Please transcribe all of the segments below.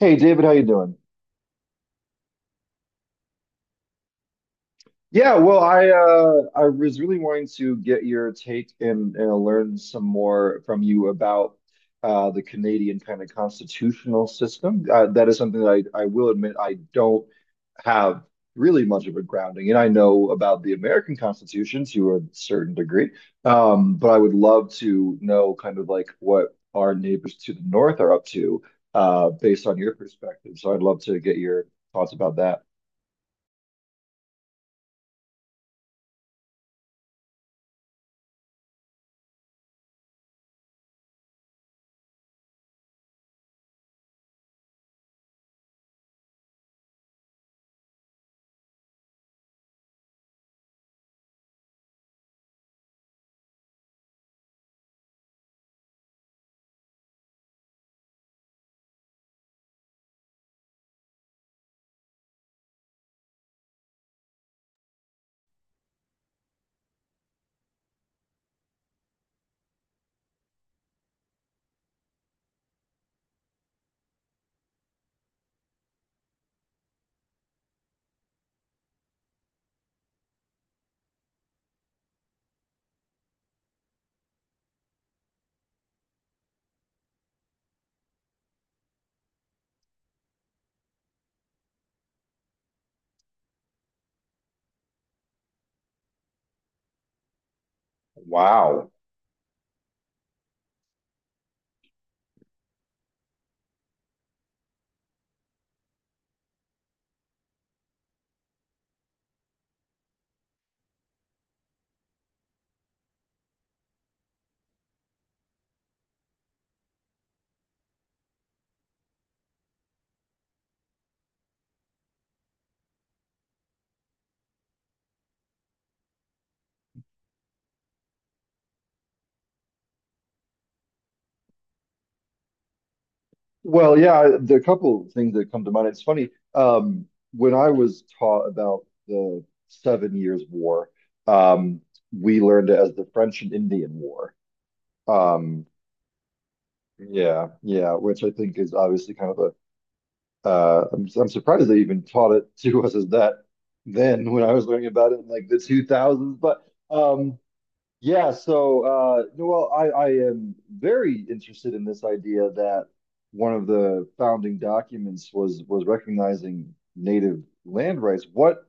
Hey David, how you doing? Yeah, well, I was really wanting to get your take and learn some more from you about the Canadian kind of constitutional system. That is something that I will admit I don't have really much of a grounding in. I know about the American Constitution to a certain degree, but I would love to know kind of like what our neighbors to the north are up to based on your perspective. So I'd love to get your thoughts about that. Wow. Well, yeah, there are a couple of things that come to mind. It's funny, um, when I was taught about the Seven Years' War, um, we learned it as the French and Indian War. Um, yeah, yeah, which I think is obviously kind of I'm surprised they even taught it to us as that then when I was learning about it in like the 2000s. But um, yeah, so Noel, I am very interested in this idea that one of the founding documents was recognizing native land rights. What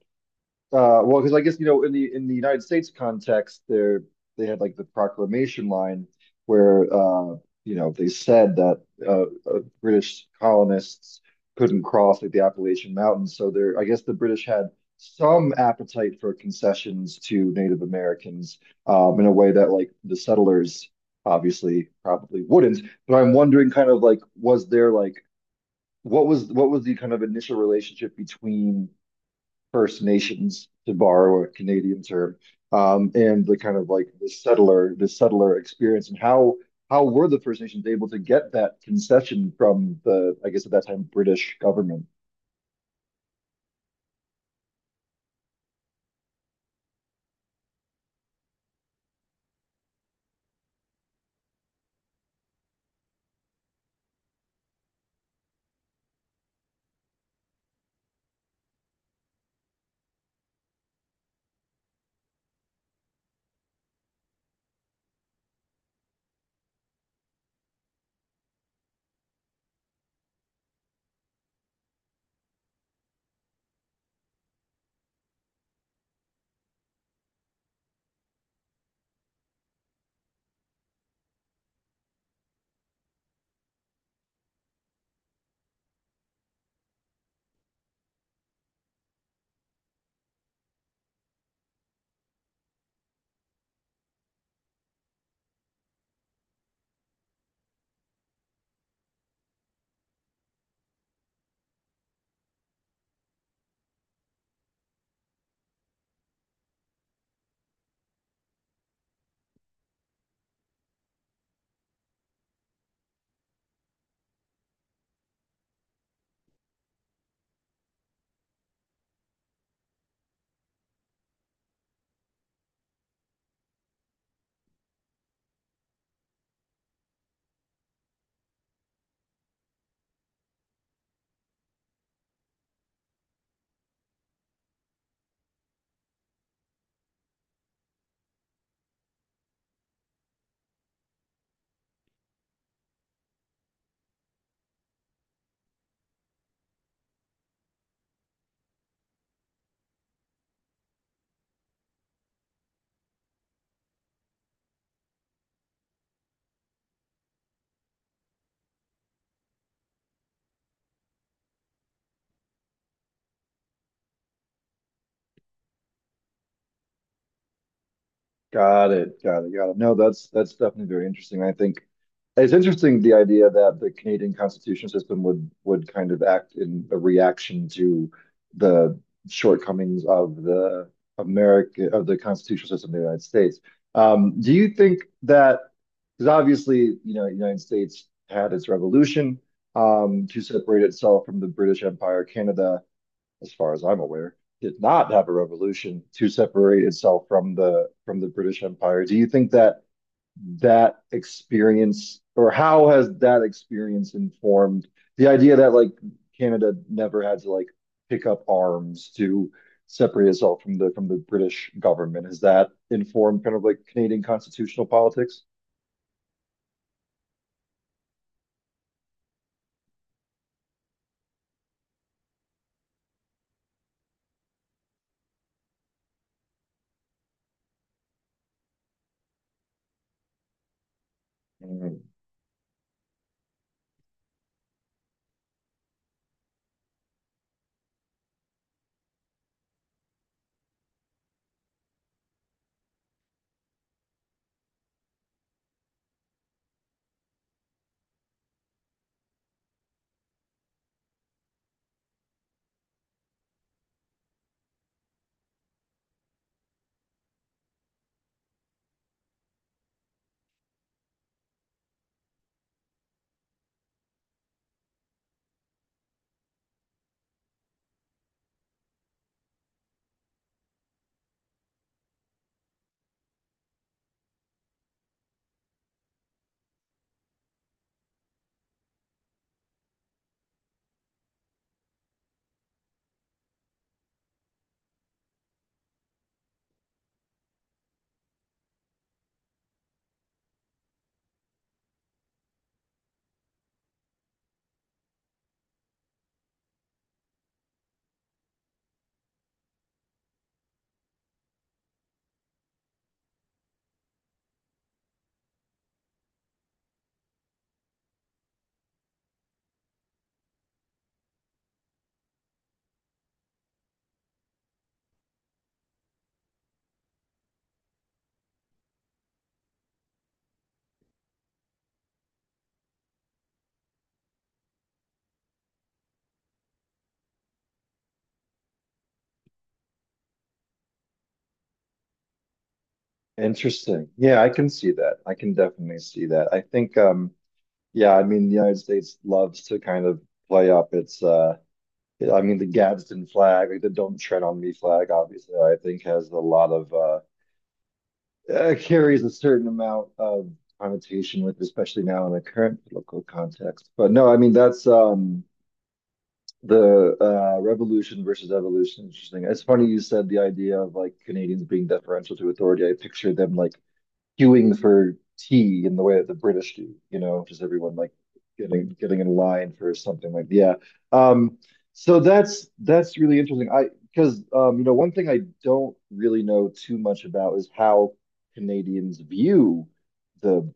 well, because I guess you know, in the United States context, there they had like the proclamation line where you know they said that uh, British colonists couldn't cross like the Appalachian Mountains. So there, I guess the British had some appetite for concessions to Native Americans in a way that like the settlers obviously probably wouldn't. But I'm wondering, kind of like, was there like what was the kind of initial relationship between First Nations, to borrow a Canadian term, and the kind of like the settler experience, and how were the First Nations able to get that concession from the, I guess at that time, British government? Got it. Got it. Got it. No, that's definitely very interesting. I think it's interesting the idea that the Canadian constitutional system would kind of act in a reaction to the shortcomings of the constitutional system in the United States. Do you think that because obviously, you know, the United States had its revolution to separate itself from the British Empire, Canada, as far as I'm aware, did not have a revolution to separate itself from the British Empire. Do you think that that experience or how has that experience informed the idea that like Canada never had to like pick up arms to separate itself from the British government? Has that informed kind of like Canadian constitutional politics? Mm. Interesting. Yeah, I can see that. I can definitely see that. I think yeah, I mean, the United States loves to kind of play up its I mean the Gadsden flag, like the Don't Tread on Me flag, obviously, I think has a lot of carries a certain amount of connotation with, especially now in the current political context. But no, I mean that's the revolution versus evolution. Interesting. It's funny you said the idea of like Canadians being deferential to authority. I pictured them like queuing for tea in the way that the British do, you know, just everyone like getting in line for something like yeah. Um, so that's really interesting. I, because you know, one thing I don't really know too much about is how Canadians view the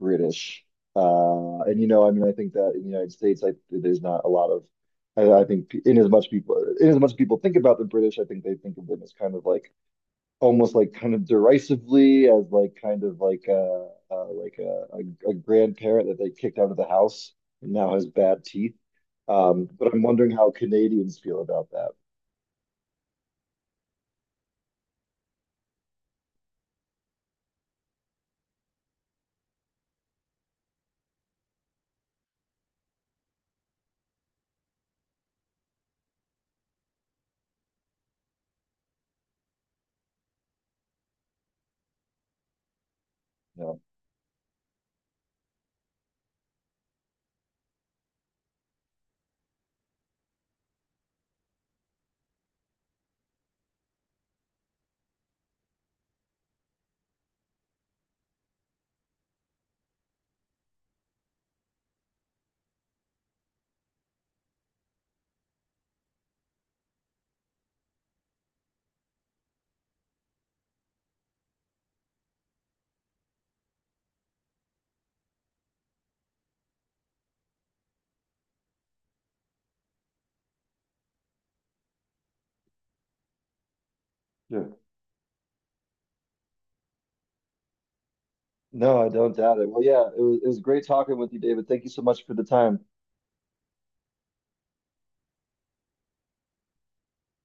British. And you know, I mean, I think that in the United States, I there's not a lot of I think in as much people think about the British, I think they think of them as kind of like almost like kind of derisively as like kind of like a grandparent that they kicked out of the house and now has bad teeth. But I'm wondering how Canadians feel about that. You know? Yeah. No, I don't doubt it. Well, yeah, it was great talking with you, David. Thank you so much for the time.